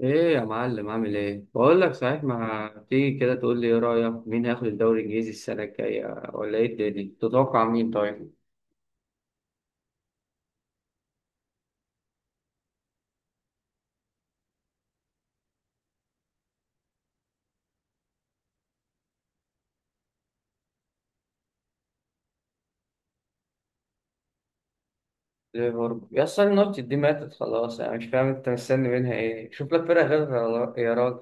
ايه يا معلم، عامل ايه؟ بقول لك صحيح، ما تيجي كده تقول لي ايه رايك؟ مين هياخد الدوري الانجليزي السنه الجايه؟ ولا ايه، الدنيا تتوقع مين؟ طيب ليفربول؟ يا اصل النوت دي ماتت خلاص، انا مش فاهم انت مستني منها ايه، شوف لك فرقه غيرها يا راجل.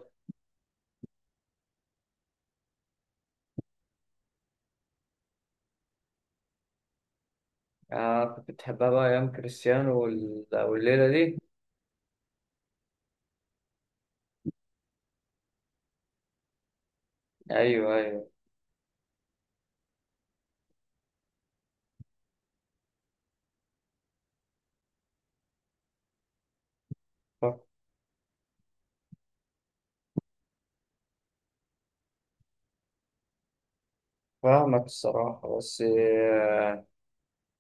آه، كنت بتحبها بقى ايام كريستيانو والليله دي. ايوه ايوه. ف- فاهمك الصراحه، بس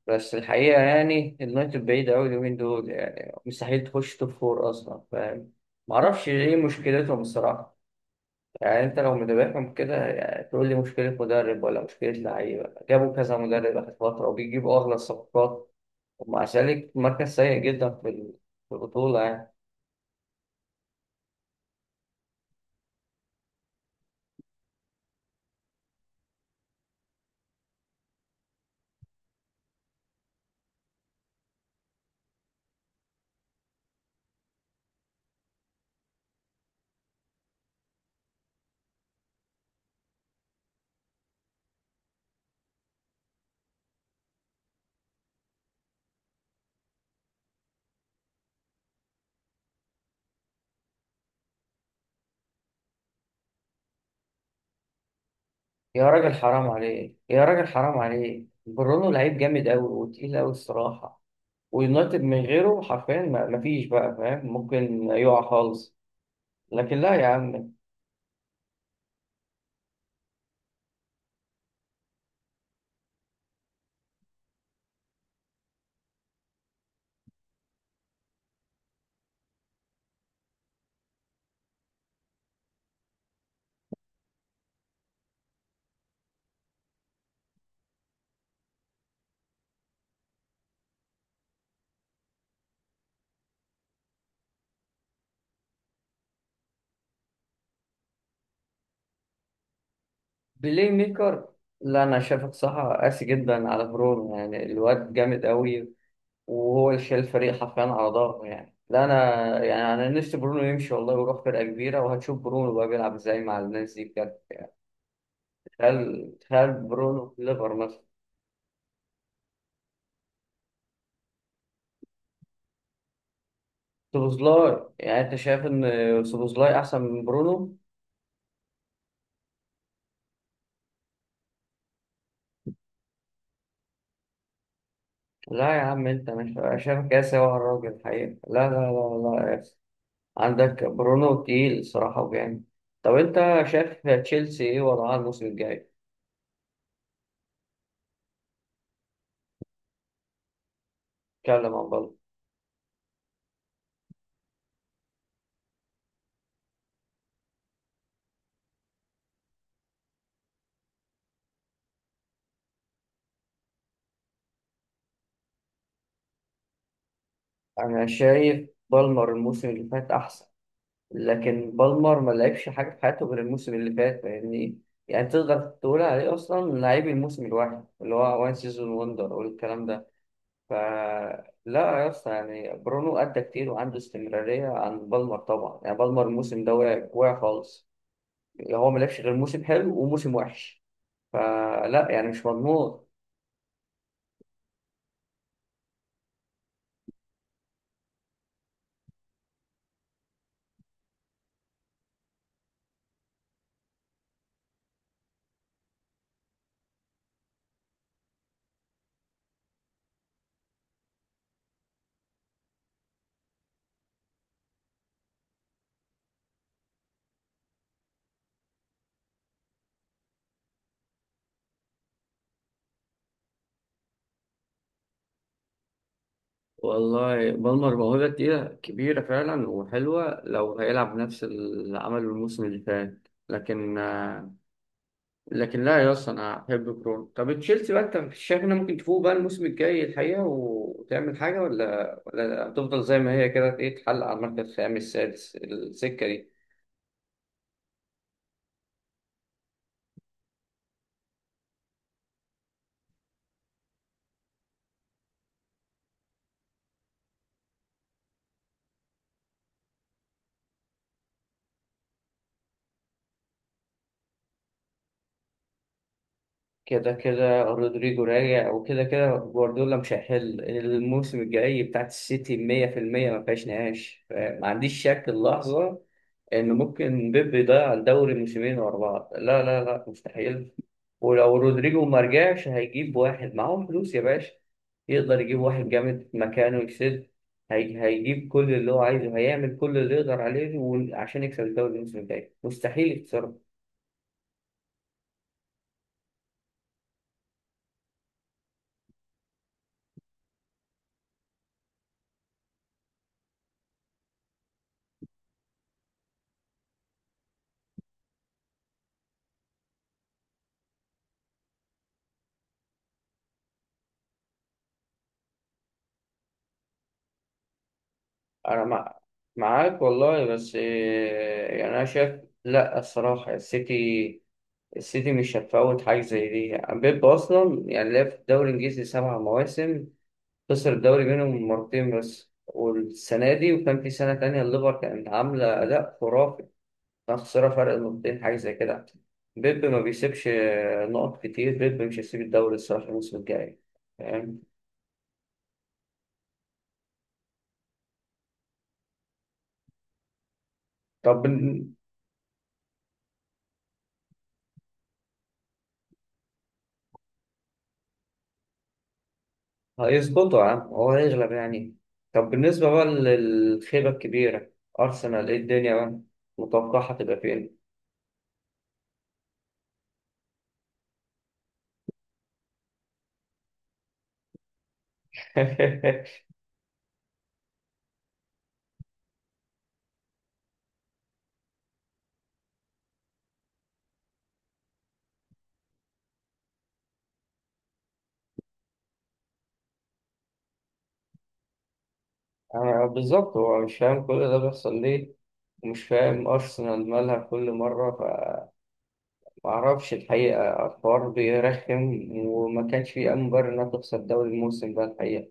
بس الحقيقه يعني اليونايتد بعيد قوي اليومين دول، يعني مستحيل تخش توب فور اصلا، فاهم؟ معرفش ايه مشكلتهم الصراحه، يعني انت لو متابعهم كده يعني تقول لي مشكلة مدرب ولا مشكلة لعيبة؟ جابوا كذا مدرب آخر فترة وبيجيبوا أغلى الصفقات، ومع ذلك مركز سيء جدا في في البطولة يعني. يا راجل حرام عليه، يا راجل حرام عليه، برونو لعيب جامد أوي وتقيل أوي الصراحة، ويونايتد من غيره حرفيا مفيش بقى فاهم، ممكن يقع خالص. لكن لا يا عم. بلاي ميكر؟ لا، أنا شايفك صح قاسي جدا على برونو، يعني الواد جامد أوي وهو اللي شايل الفريق حرفيا على ظهره، يعني لا انا، يعني انا نفسي برونو يمشي والله ويروح فرقه كبيره، وهتشوف برونو بقى بيلعب ازاي مع الناس دي بجد يعني. تخيل تخيل برونو في ليفر مثلا. سوبوزلاي؟ يعني انت شايف ان سوبوزلاي احسن من برونو؟ لا يا عم انت مش، أنا شايفك يا سوا الراجل الحقيقه، لا لا لا لا يا أسطى. عندك برونو تقيل صراحه وجامد. طب انت شايف تشيلسي ايه وضعها الموسم الجاي؟ اتكلم عن بالمر. انا شايف بالمر الموسم اللي فات احسن، لكن بالمر ما لعبش حاجة في حياته غير الموسم اللي فات، فاهمني؟ يعني تقدر تقول عليه أصلا لعيب الموسم الواحد، اللي هو وان سيزون وندر والكلام ده. ف لا يا اسطى، يعني برونو أدى كتير وعنده استمرارية عن بالمر طبعا، يعني بالمر الموسم ده واقع واقع خالص، يعني هو ما لعبش غير موسم حلو وموسم وحش، فلا يعني مش مضمون. والله بالمر موهبة تقيلة كبيرة فعلا وحلوة لو هيلعب نفس اللي عمله الموسم اللي فات، لكن لكن لا يا اسطى، انا احب برونو. طب تشيلسي بقى، انت شايف انها ممكن تفوق بقى الموسم الجاي الحقيقه وتعمل حاجه، ولا هتفضل زي ما هي كده، ايه تتحلق على المركز الخامس السادس، السكه دي؟ كده كده رودريجو راجع، وكده كده جوارديولا مش هيحل الموسم الجاي بتاعت السيتي 100%، ما فيهاش نقاش، ما عنديش شك اللحظة إن ممكن بيب يضيع الدوري موسمين ورا بعض، لا لا لا مستحيل. ولو رودريجو ما رجعش هيجيب واحد، معاهم فلوس يا باشا، يقدر يجيب واحد جامد مكانه يكسب. هيجيب كل اللي هو عايزه، هيعمل كل اللي يقدر عليه، وعشان يكسب الدوري الموسم الجاي مستحيل يخسر. انا مع... معاك والله، بس إيه، يعني انا شايف، لا الصراحه السيتي، السيتي مش هتفوت حاجه زي دي، بيب اصلا يعني لعب في الدوري الانجليزي 7 مواسم، خسر الدوري منهم مرتين بس، والسنه دي، وكان في سنه تانية الليفر كانت عامله اداء خرافي، كان خسرها فرق نقطتين حاجه زي كده. بيب ما بيسيبش نقط كتير، بيب مش هيسيب الدوري الصراحه الموسم الجاي، فاهم؟ طب بن- هيظبطوا يا عم، هو هيغلب يعني. طب بالنسبة بقى للخيبة الكبيرة، أرسنال، إيه الدنيا بقى متوقعة تبقى فين؟ أنا بالظبط هو مش فاهم كل ده بيحصل ليه، ومش فاهم أرسنال مالها كل مرة، فمعرفش الحقيقة الحوار بيرخم، وما كانش فيه أي مبرر إنها تخسر الدوري الموسم ده الحقيقة.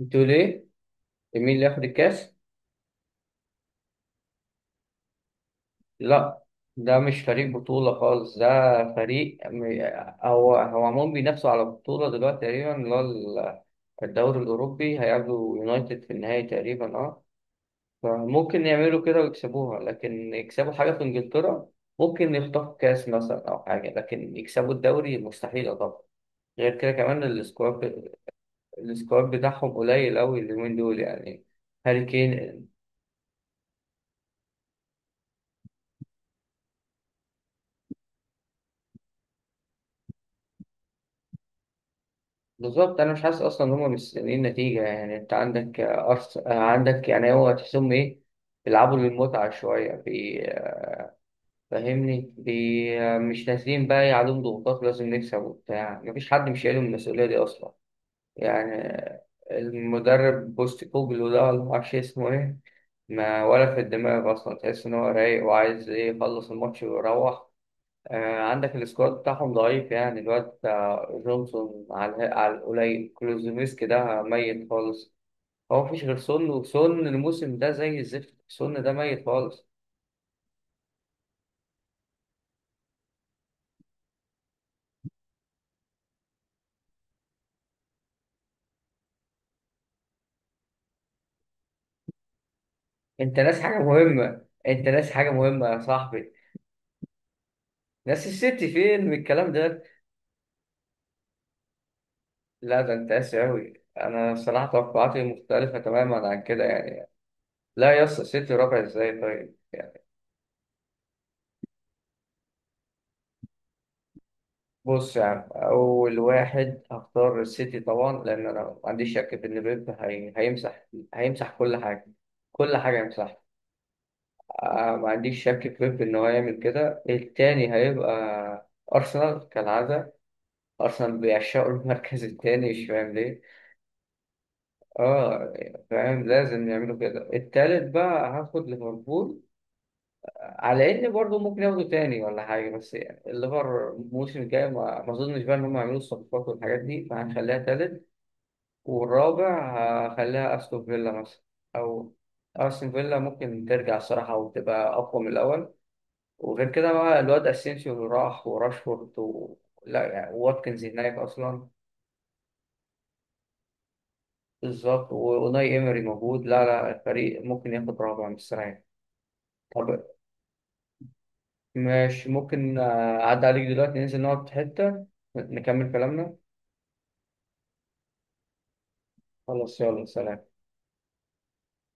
أنتوا ليه؟ مين اللي ياخد الكاس؟ لا، ده مش فريق بطولة خالص ده، فريق هو هو عموما بينافسوا على بطولة دلوقتي تقريبا، اللي هو الدوري الأوروبي، هيقابلوا يونايتد في النهائي تقريبا، اه. فممكن يعملوا كده ويكسبوها، لكن يكسبوا حاجة في إنجلترا، ممكن يخطفوا كاس مثلا أو حاجة، لكن يكسبوا الدوري مستحيل طبعا. غير كده كمان السكواد، السكواد بتاعهم قليل أوي اليومين دول يعني، هاري كين. بالظبط، انا مش حاسس اصلا ان هم مستنيين نتيجه يعني، انت عندك عندك، يعني هو تحسهم ايه؟ بيلعبوا للمتعه شويه فاهمني مش نازلين بقى، إيه عليهم ضغوطات لازم نكسب وبتاع، مفيش حد مش شايل المسؤوليه دي اصلا يعني. المدرب بوست كوجلو ده، ولا معرفش اسمه ايه، ما ولا في الدماغ اصلا، تحس ان هو رايق وعايز ايه، يخلص الماتش ويروح. عندك السكواد بتاعهم ضعيف، يعني الواد بتاع جونسون على على القليل، كلوزوفسكي ده ميت خالص، هو مفيش غير سون، وسون الموسم ده زي الزفت، سون ده ميت خالص. انت ناس حاجة مهمة، انت ناس حاجة مهمة يا صاحبي. ناس السيتي فين من الكلام ده؟ لا ده انت قاسي أوي، أنا صراحة توقعاتي مختلفة تماما عن كده يعني. لا يا اسطى السيتي ربع ازاي؟ طيب بص يا عم، أول واحد هختار السيتي طبعا، لأن أنا ما عنديش شك في إن بيب هيمسح، هيمسح كل حاجة، كل حاجة هيمسحها. ما عنديش شك في بيب إن هو يعمل كده. التاني هيبقى أرسنال كالعادة، أرسنال بيعشقوا المركز التاني مش فاهم ليه. آه، فاهم، لازم يعملوا كده. التالت بقى هاخد ليفربول، على إن برضه ممكن ياخدوا تاني ولا حاجة، بس يعني الليفر الموسم الجاي ما أظنش بقى إن هم يعملوا الصفقات والحاجات دي، فهنخليها تالت. والرابع، هخليها أستون فيلا مثلا، أو أستون فيلا ممكن ترجع الصراحة وتبقى أقوى من الأول، وغير كده بقى الواد أسينسيو اللي راح، وراشفورد لا يعني واتكنز هناك أصلا. بالظبط وناي إيمري موجود، لا لا الفريق ممكن ياخد رابع مستريح. طب مش ممكن أعدي عليك دلوقتي ننزل نقعد في حتة نكمل كلامنا؟ خلاص يلا سلام.